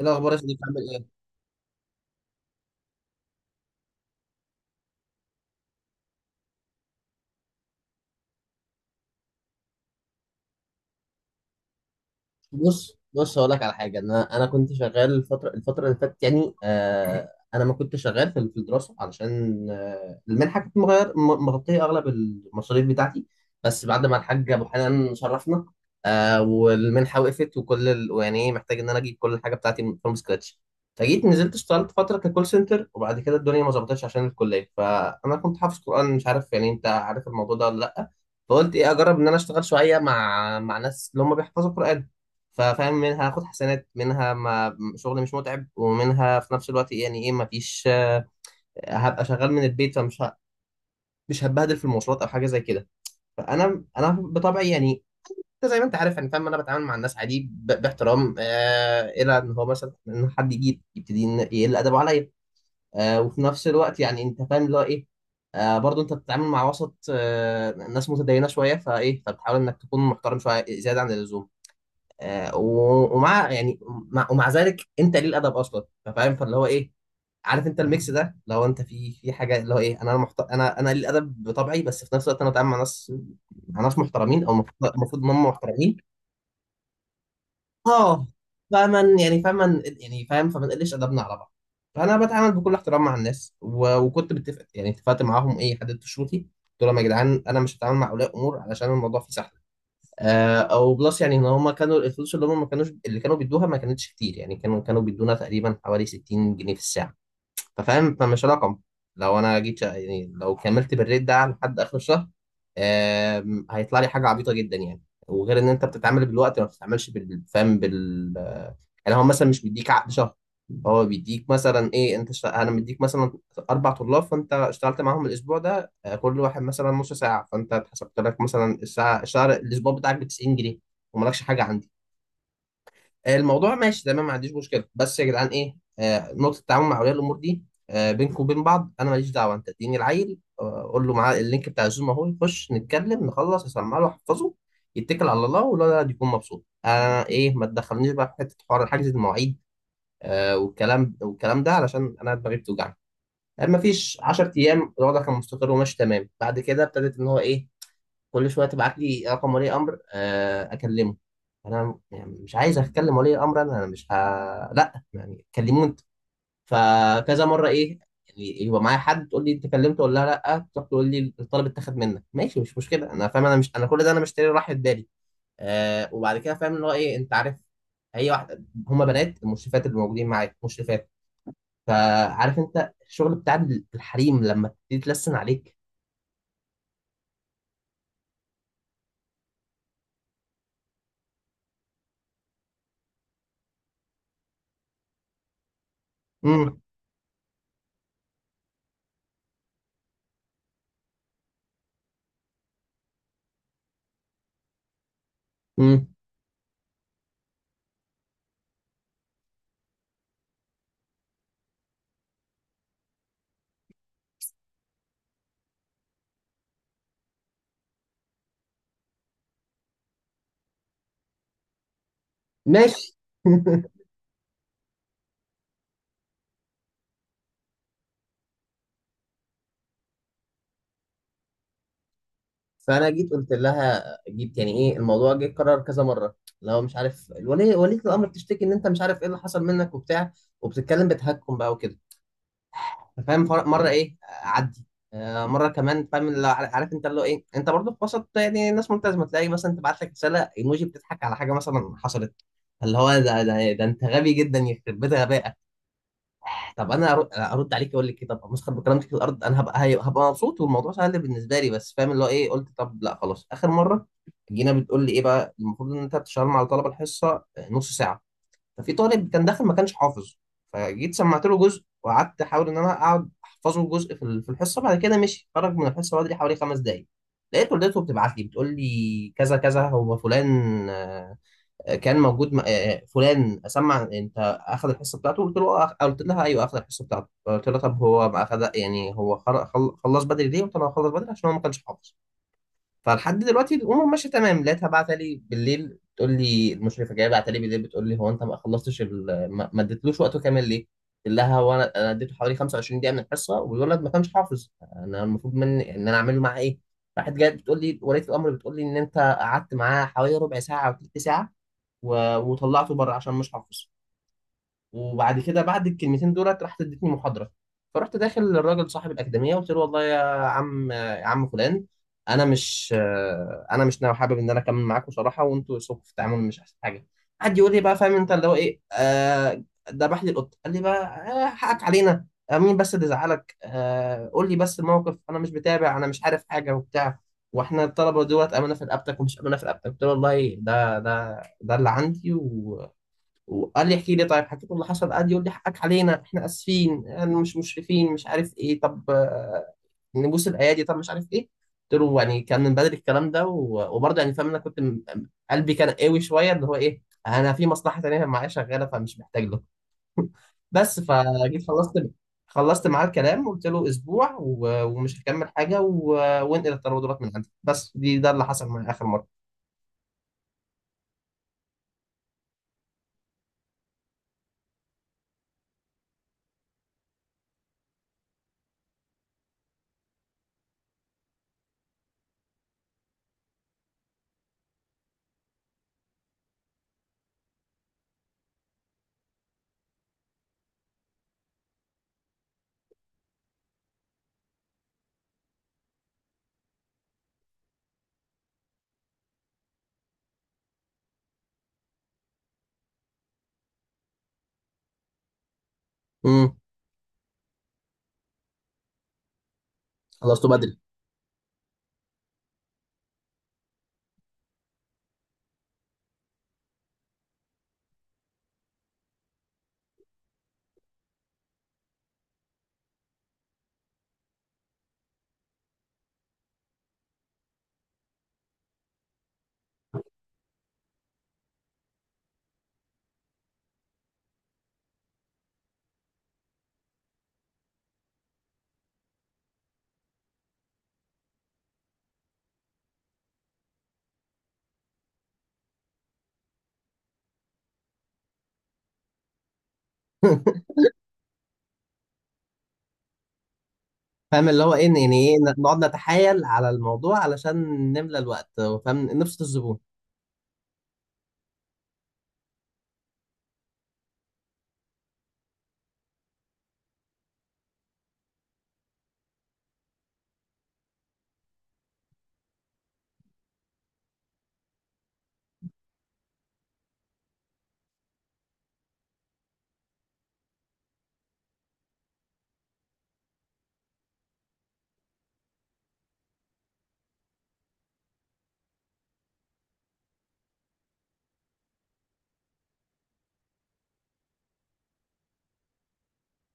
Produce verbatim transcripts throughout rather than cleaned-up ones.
إيه الأخبار يا صديقي عامل إيه؟ بص بص، هقول لك على حاجه. انا انا كنت شغال الفتره الفتره اللي فاتت، يعني آه انا ما كنت شغال في في الدراسه علشان آه المنحه كانت مغير م- مغطيه اغلب المصاريف بتاعتي. بس بعد ما الحاج ابو حنان شرفنا، آه والمنحه وقفت وكل ال... يعني إيه، محتاج ان انا اجيب كل الحاجه بتاعتي فروم سكراتش. فجيت نزلت اشتغلت فتره ككول سنتر، وبعد كده الدنيا ما ظبطتش عشان الكليه. فانا كنت حافظ قران، مش عارف يعني، انت عارف الموضوع ده ولا لا؟ فقلت ايه، اجرب ان انا اشتغل شويه مع مع ناس اللي هم بيحفظوا قران. ففاهم، منها هاخد حسنات، منها ما شغل مش متعب، ومنها في نفس الوقت يعني ايه مفيش آه، هبقى شغال من البيت، فمش ه... مش هتبهدل في المواصلات او حاجه زي كده. فانا انا بطبعي يعني، انت زي ما انت عارف يعني، فاهم، انا بتعامل مع الناس عادي ب... باحترام، آه الى ان هو مثلا ان حد يجي يبتدي إن- يقل ادبه عليا. آه وفي نفس الوقت يعني انت فاهم اللي هو ايه، آه برضه انت بتتعامل مع وسط آه ناس متدينه شويه، فايه، فبتحاول انك تكون محترم شويه زياده عن اللزوم. آه، و- ومع يعني مع ومع ذلك انت ليه الادب اصلا، فاهم، فاللي هو ايه. عارف انت الميكس ده؟ لو انت في في حاجه اللي هو ايه، انا محت... انا انا ليه الادب بطبعي، بس في نفس الوقت انا بتعامل مع ناس، مع ناس محترمين، او المفروض المفروض ان هم محترمين. اه. فمن يعني فمن يعني فاهم، فما نقلش ادبنا على بعض. فانا بتعامل بكل احترام مع الناس، و... وكنت متفق، يعني اتفقت معاهم، ايه، حددت شروطي، قلت لهم يا جدعان انا مش هتعامل مع اولياء امور علشان الموضوع فيه سحل. آه، او بلس، يعني ان هم كانوا الفلوس اللي هم ما كانوش، اللي كانوا بيدوها ما كانتش كتير، يعني كانوا كانوا بيدونا تقريبا حوالي ستين جنيه في الساعه. ففاهم فمش رقم. لو انا جيت يعني، لو كملت بالريت ده لحد اخر الشهر، آم، هيطلع لي حاجه عبيطه جدا يعني. وغير ان انت بتتعامل بالوقت ما بتتعاملش بال- فاهم بال، يعني هو مثلا مش بيديك عقد شهر، هو بيديك مثلا ايه، انت شت... انا مديك مثلا اربع طلاب، فانت اشتغلت معاهم الاسبوع ده، آه، كل واحد مثلا نص ساعه، فانت اتحسبت لك مثلا الساعه الشهر الاسبوع بتاعك ب تسعين جنيه. ومالكش حاجه عندي. آه، الموضوع ماشي تمام، ما عنديش مشكله، بس يا جدعان ايه، آه، نقطه التعامل مع اولياء الامور دي، آه، بينكم وبين بعض انا ماليش دعوه، انت اديني العيل، آه، قول له معاه اللينك بتاع الزوم اهو، يخش نتكلم نخلص، اسمع له احفظه، يتكل على الله والولد يكون مبسوط. انا ايه، ما تدخلنيش بقى في حته حوار حجز المواعيد آه، والكلام والكلام ده علشان انا دماغي بتوجعني. يعني ما فيش 10 ايام الوضع كان مستقر وماشي تمام، بعد كده ابتدت ان هو ايه، كل شويه تبعت لي رقم ولي امر آه، اكلمه. انا يعني مش عايز اتكلم ولي امر، انا انا مش ه... لا، يعني كلموه انت. فكذا مره ايه، يعني يبقى معايا حد، تقول لي انت كلمته ولا لا، تروح تقول لي الطلب اتاخد منك، ماشي مش مشكله، انا فاهم، انا مش انا كل ده انا مشتري راحه بالي. آه وبعد كده فاهم اللي هو ايه، انت عارف، هي واحده هما بنات المشرفات اللي موجودين معاك، مشرفات، فعارف انت الشغل بتاع الحريم لما تبتدي تلسن عليك. امم، امم، ماشي. فانا جيت قلت لها، جيت يعني ايه، الموضوع جه اتكرر كذا مره، لو مش عارف ولي ولية الامر بتشتكي ان انت مش عارف ايه اللي حصل منك وبتاع، وبتتكلم بتهكم بقى وكده، فاهم، فر- مره ايه عدي، آه، مره كمان، فاهم اللي هو عارف، عارف انت اللي هو ايه. انت برضه في وسط يعني ناس ملتزمه، تلاقي مثلا تبعت لك رساله ايموجي بتضحك على حاجه مثلا حصلت، اللي هو ده ده, ده انت غبي جدا يخرب بيت غبائك. طب انا أرد, ارد عليك اقول لك كده، طب مسخر بكرامتك الارض، انا هبقى هي- هبقى مبسوط والموضوع سهل بالنسبه لي، بس فاهم اللي هو ايه، قلت طب لا خلاص اخر مره. جينا بتقول لي ايه بقى، المفروض ان انت بتشتغل مع طلبه الحصه آه، نص ساعه. ففي طالب كان داخل ما كانش حافظ، فجيت سمعت له جزء وقعدت احاول ان انا اقعد احفظه جزء في ال- في الحصه. بعد كده مشي، خرج من الحصه بدري حوالي خمس دقائق. لقيت والدته بتبعت لي بتقول لي كذا كذا، هو فلان آه، كان موجود م- آه، فلان سمع، انت اخذ الحصه بتاعته؟ قلت له آه، قلت لها ايوه اخذ الحصه بتاعته. قلت لها طب هو ما اخذ، يعني هو خر- خل- خلص بدري ليه؟ قلت لها هو خلص بدري عشان هو ما كانش حافظ. فلحد دلوقتي الامور ماشيه تمام. لقيتها بعتها لي بالليل تقول لي المشرفه جايه، بعتها لي بالليل بتقول لي، هو انت ما خلصتش ال- ما ما اديتلوش وقته كامل ليه؟ قلت لها هو انا أنا اديته حوالي 25 دقيقه من الحصه، والولد ما كانش حافظ، انا المفروض مني ان انا اعمل له معاه ايه؟ راحت جايه بتقول لي ولية الامر بتقول لي ان انت قعدت معاه حوالي ربع ساعه او ثلث ساعه، و... وطلعته بره عشان مش حافظ، وبعد كده بعد الكلمتين دولت راحت ادتني محاضره. فرحت داخل للراجل صاحب الاكاديميه قلت له والله يا عم، يا عم فلان، انا مش انا مش ناوي، حابب ان انا اكمل معاكم صراحه، وانتوا اسلوبكم في التعامل مش احسن حاجه. قعد يقول لي بقى فاهم انت اللي هو ايه، آه ذبح لي القط، قال لي بقى آه حقك علينا، آه مين بس اللي زعلك، آه قول لي بس الموقف، انا مش بتابع، انا مش عارف حاجه وبتاع، واحنا الطلبه دولت امانه في رقبتك ومش امانه في رقبتك. قلت له والله ده ده ده اللي عندي، و... وقال لي احكي لي طيب، حكيت له اللي حصل، قال لي يقول لي حقك علينا، احنا اسفين، يعني مش مشرفين، مش عارف ايه، طب آه، نبوس الايادي، طب مش عارف ايه. قلت له يعني كان من بدري الكلام ده و- وبرضه يعني فاهم، انا كنت م- قلبي كان قوي شويه اللي هو ايه، انا في مصلحه تانيه معايا شغاله فمش محتاج له. بس فجيت خلصت خلصت معاه الكلام، وقلت له اسبوع و- ومش هكمل حاجه و- وانقل الترودلات من عندك بس، دي ده اللي حصل معايا اخر مره. امم خلصته بدري. فاهم اللي هو ايه إن- يعني ايه، نقعد نتحايل على الموضوع علشان نملى الوقت، فاهم، نبسط الزبون.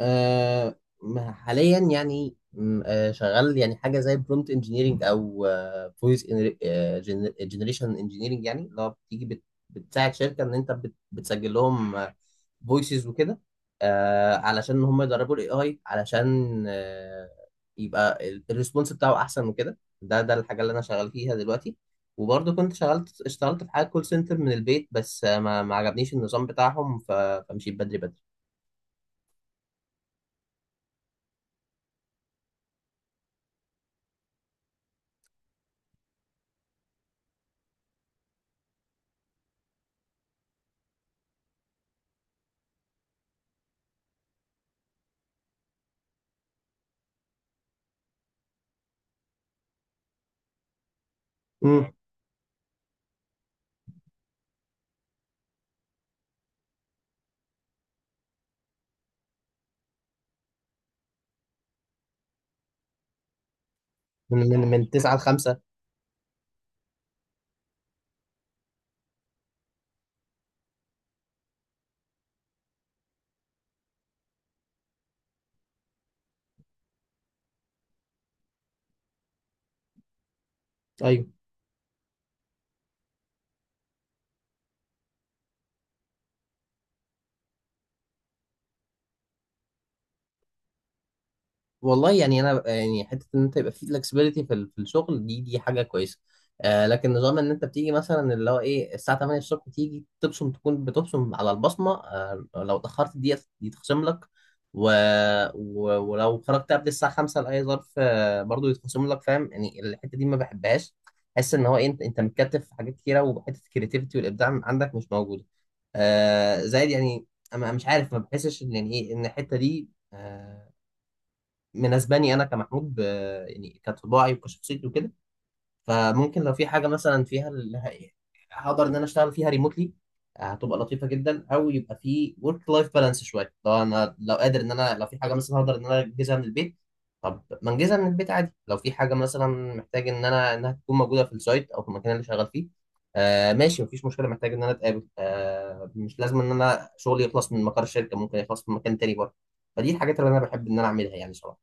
آه ما- حاليا يعني م، آه شغال يعني حاجه زي برومبت انجينيرنج او فويس جنريشن انجينيرنج، يعني اللي هو بتيجي بت بتساعد شركه ان انت بت بتسجل لهم فويسز وكده، آه علشان هم يدربوا الاي اي علشان آه يبقى الريسبونس بتاعه احسن وكده. ده ده الحاجه اللي انا شغال فيها دلوقتي. وبرضه كنت شغلت اشتغلت في حاجه كول سنتر من البيت بس، آه، ما ما عجبنيش النظام بتاعهم ف- فمشيت بدري، بدري من من من تسعة ل خمسة. ايوه، والله يعني انا يعني حته ان انت يبقى في فلكسبيتي في ال- في الشغل، دي دي حاجه كويسه، آه لكن نظام ان انت بتيجي مثلا اللي هو ايه الساعه تمانية الصبح تيجي تبصم، تكون بتبصم على البصمه، آه لو اتاخرت دي دي تخصم لك، و... و... ولو خرجت قبل الساعه خمسة لاي ظرف آه برضو يتخصم لك. فاهم، يعني الحته دي ما بحبهاش. حس ان هو إيه، انت انت متكتف في حاجات كتيره، وحته الكريتيفيتي والابداع عندك مش موجوده، آه زائد يعني. انا مش عارف، ما بحسش ان يعني ايه، ان الحته دي آه مناسباني انا كمحمود ب- يعني كطباعي وكشخصيتي وكده. فممكن لو في حاجه مثلا فيها ال- ه- هقدر ان انا اشتغل فيها ريموتلي، هتبقى لطيفه جدا، او يبقى في ورك لايف بالانس شويه. لو انا لو قادر ان انا، لو في حاجه مثلا هقدر ان انا انجزها من البيت، طب ما انجزها من البيت عادي. لو في حاجه مثلا محتاج ان انا انها تكون موجوده في السايت او في المكان اللي شغال فيه، آه ماشي مفيش مشكله، محتاج ان انا اتقابل، آه مش لازم ان انا شغلي يخلص من مقر الشركه، ممكن يخلص من مكان تاني برضه. فدي الحاجات اللي انا بحب ان انا اعملها يعني، صراحه.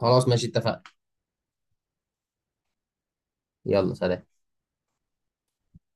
خلاص ماشي، اتفقنا. يلا سلام.